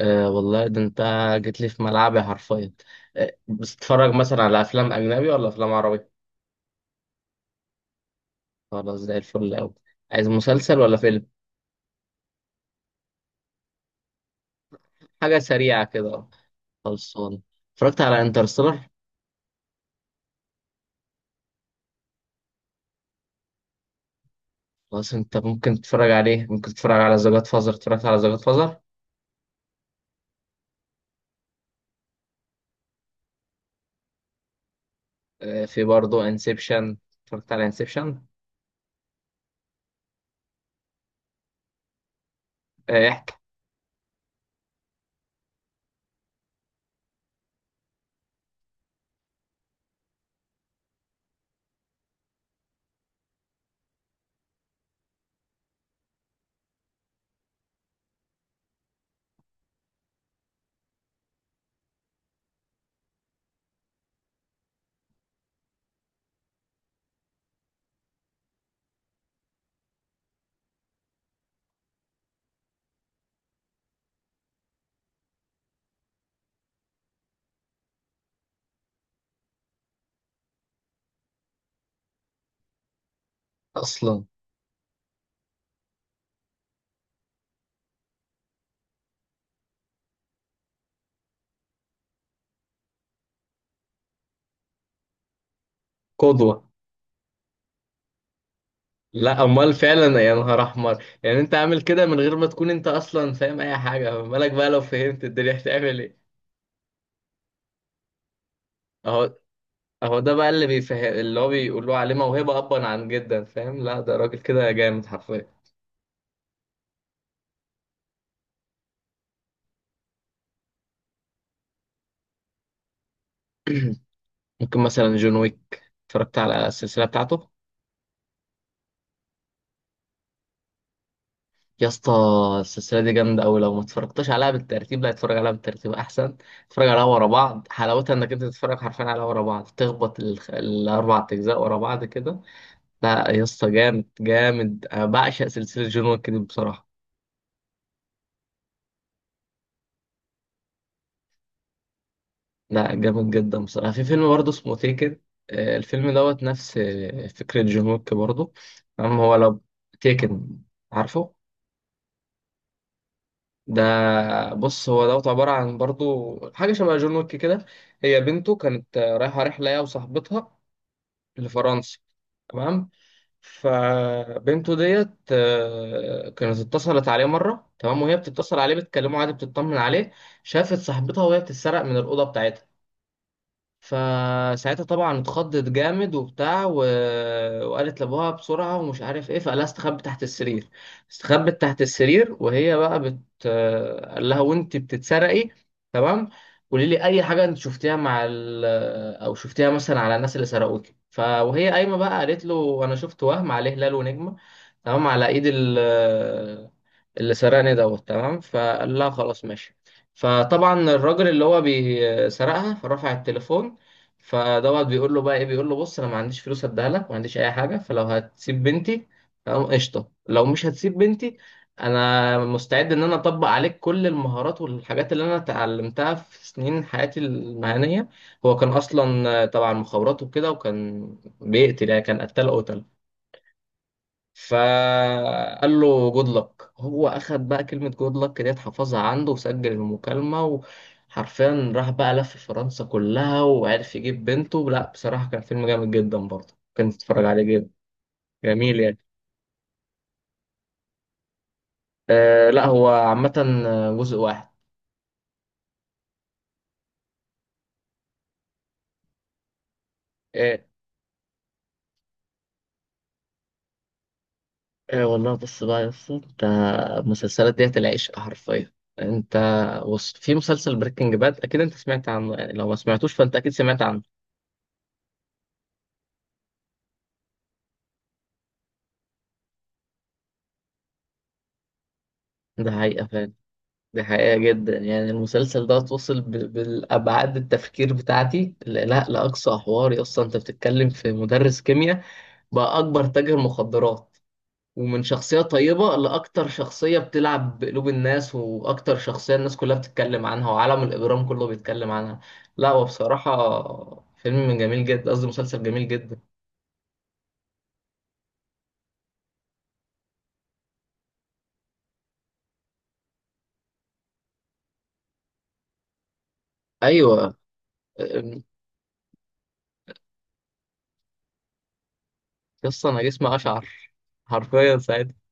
أه والله، ده انت جيت لي في ملعبي حرفيا. أه، بتتفرج مثلا على افلام اجنبي ولا افلام عربي؟ خلاص، زي الفل قوي. عايز مسلسل ولا فيلم؟ حاجه سريعه كده. خلصان. اتفرجت على انترستيلر. خلاص، انت ممكن تتفرج عليه، ممكن تتفرج على ذا جاد فازر. اتفرجت على ذا جاد فازر. أه، في برضه انسبشن. اتفرجت على انسبشن. أه، احكي. اصلا. قدوه. لا امال فعلا، يا نهار احمر. يعني انت عامل كده من غير ما تكون انت اصلا فاهم اي حاجه، مالك بقى لو فهمت الدنيا هتعمل ايه. اهو. هو ده بقى اللي بيفهم، اللي هو بيقولوا عليه موهبة أبا عن جدا. فاهم، لا ده راجل كده جامد حرفيا. ممكن مثلا جون ويك، اتفرجت على السلسلة بتاعته. يا اسطى، السلسلة دي جامدة أوي. لو ما اتفرجتش عليها بالترتيب، لا اتفرج عليها بالترتيب أحسن. اتفرج عليها ورا بعض، حلاوتها إنك أنت تتفرج حرفيا عليها ورا بعض، تخبط الأربع أجزاء ورا بعض كده. لا يا اسطى، جامد جامد. أنا بعشق سلسلة جون ويك دي بصراحة. لا، جامد جدا بصراحة. في فيلم برضه اسمه تيكن. الفيلم دوت نفس فكرة جون ويك برضه. تمام. هو لو. تيكن. عارفه. ده. بص هو دوت عبارة عن برضه حاجة شبه جون ويك كده. هي بنته كانت رايحة رحلة هي وصاحبتها لفرنسا. تمام. فبنته ديت كانت اتصلت عليه مرة. تمام. وهي بتتصل عليه بتكلمه عادي، بتطمن عليه. شافت صاحبتها وهي بتتسرق من الأوضة بتاعتها. فساعتها طبعا اتخضت جامد وبتاع وقالت لابوها بسرعة ومش عارف ايه، فقالها استخبت تحت السرير. استخبت تحت السرير، وهي بقى قال لها وانت بتتسرقي. تمام. قولي لي اي حاجة انت شفتيها مع او شفتيها مثلا على الناس اللي سرقوكي. وهي قايمة بقى قالت له انا شفت وهم عليه هلال ونجمة. تمام، على ايد اللي سرقني دوت. تمام. فقال لها خلاص ماشي. فطبعا الراجل اللي هو بيسرقها فرفع التليفون، فدوت بيقول له بقى ايه. بيقول له بص، انا ما عنديش فلوس اديها لك، ما عنديش اي حاجه، فلو هتسيب بنتي تمام قشطه. لو مش هتسيب بنتي، انا مستعد ان انا اطبق عليك كل المهارات والحاجات اللي انا اتعلمتها في سنين حياتي المهنيه. هو كان اصلا طبعا مخابرات وكده، وكان بيقتل يعني. كان قتال قتل. فقال له جود لك. هو اخد بقى كلمه جود لك ديت، حفظها عنده وسجل المكالمه. وحرفيا راح بقى لف فرنسا كلها وعرف يجيب بنته. لا بصراحه كان فيلم جامد جدا برضه، كان تتفرج عليه جدا. جميل يعني. آه لا، هو عامه جزء واحد. آه. آه والله، بص بقى يا اسطى. انت المسلسلات ديت العشق حرفيا. انت بص، في مسلسل بريكنج باد اكيد انت سمعت عنه، يعني لو ما سمعتوش فانت اكيد سمعت عنه. ده حقيقه. دي حقيقة جدا يعني. المسلسل ده توصل بالأبعاد التفكير بتاعتي لا لا لأقصى حواري. أصلا أنت بتتكلم في مدرس كيمياء بقى أكبر تاجر مخدرات، ومن شخصية طيبة لأكتر شخصية بتلعب بقلوب الناس، وأكتر شخصية الناس كلها بتتكلم عنها وعالم الإجرام كله بيتكلم عنها. لا هو بصراحة فيلم جميل جدا، قصدي مسلسل جميل جدا. أيوة. أم، قصة أنا جسمي أشعر حرفيا ساعتها.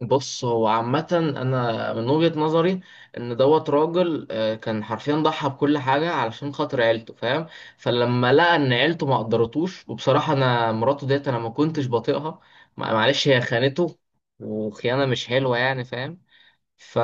بص هو عامة أنا من وجهة نظري إن دوت راجل كان حرفيا ضحى بكل حاجة علشان خاطر عيلته، فاهم. فلما لقى إن عيلته ما قدرتوش، وبصراحة أنا مراته ديت أنا ما كنتش بطيقها. معلش، هي خانته، وخيانة مش حلوة يعني، فاهم. ف...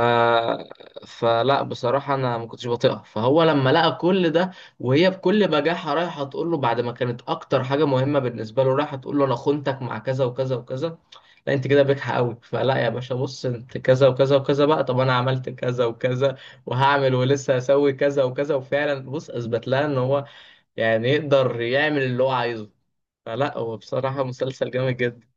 فلا بصراحة أنا ما كنتش بطيقها. فهو لما لقى كل ده، وهي بكل بجاحة رايحة تقول له بعد ما كانت أكتر حاجة مهمة بالنسبة له، رايحة تقول له أنا خنتك مع كذا وكذا وكذا. لا انت كده بجحة قوي. فلا يا باشا بص، انت كذا وكذا وكذا بقى. طب انا عملت كذا وكذا، وهعمل ولسه هسوي كذا وكذا. وفعلا بص، اثبت لها ان هو يعني يقدر يعمل اللي هو عايزه. فلا هو بصراحة مسلسل جامد جدا.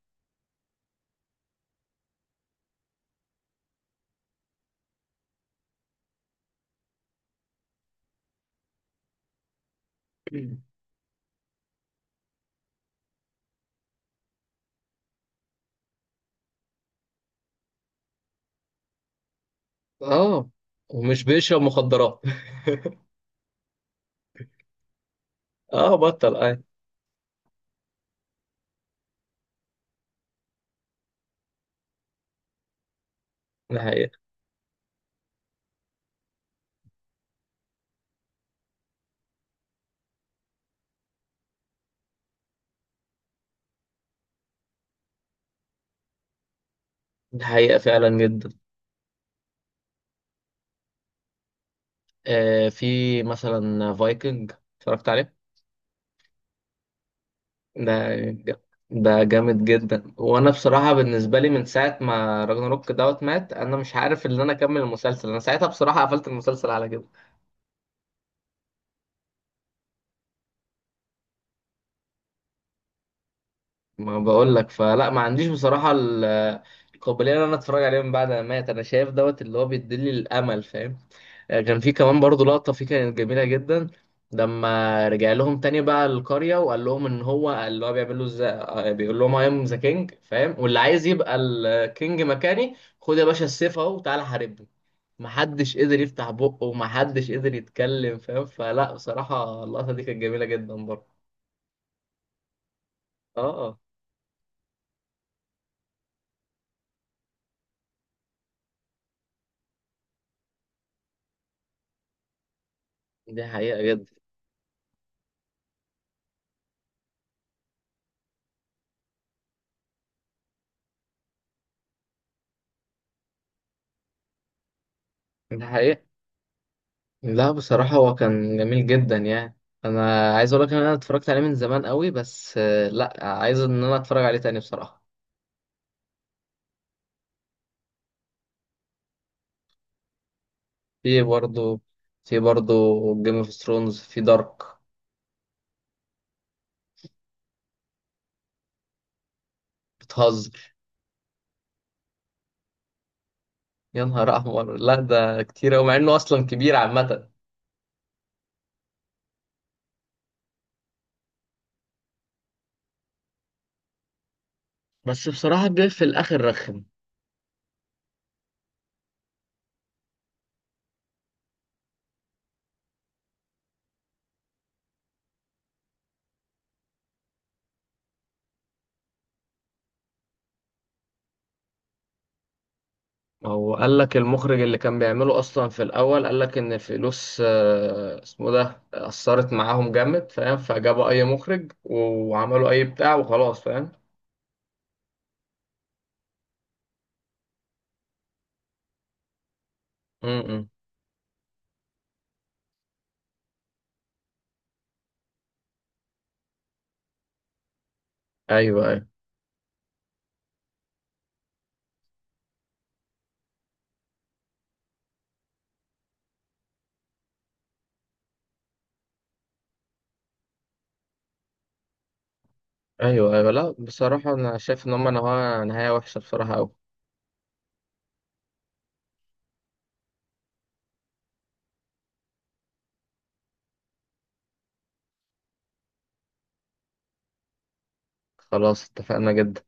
اه. ومش بيشرب مخدرات. اه بطل اه. ده حقيقة. ده حقيقة فعلا جدا. آه، في مثلا فايكنج، اتفرجت عليه. ده ده جامد جدا. وانا بصراحه بالنسبه لي من ساعه ما راجناروك دوت مات، انا مش عارف ان انا اكمل المسلسل. انا ساعتها بصراحه قفلت المسلسل على كده. ما بقول لك، فلا ما عنديش بصراحه القابليه ان انا اتفرج عليه من بعد ما مات. انا شايف دوت اللي هو بيديلي الامل، فاهم. كان في كمان برضه لقطة فيه كانت جميلة جدا. لما رجع لهم تاني بقى القرية، وقال لهم ان هو اللي هو بيعمل له ازاي. بيقول لهم اي ام ذا كينج، فاهم. واللي عايز يبقى الكينج مكاني، خد يا باشا السيف اهو وتعالى حاربني. محدش قدر يفتح بقه ومحدش قدر يتكلم، فاهم. فلا بصراحة اللقطة دي كانت جميلة جدا برضه. اه. دي حقيقة جدا. دي حقيقة. لا بصراحة هو كان جميل جدا يعني. انا عايز اقول لك ان انا اتفرجت عليه من زمان قوي بس، لا عايز ان انا اتفرج عليه تاني بصراحة. في برضه في برضه جيم اوف ثرونز. في دارك. بتهزر. يا نهار احمر، لا ده كتير قوي مع انه اصلا كبير عامه. بس بصراحة جه في الآخر رخم. هو قال لك المخرج اللي كان بيعمله اصلا في الاول، قال لك ان الفلوس اسمه ده اثرت معاهم جامد، فاهم. فجابوا اي مخرج وعملوا اي بتاع وخلاص، فاهم. امم. ايوه ايوه. ايوه ايوه. لا بصراحه انا شايف ان هم نهايه نهايه وحشه بصراحه قوي. خلاص اتفقنا جدا.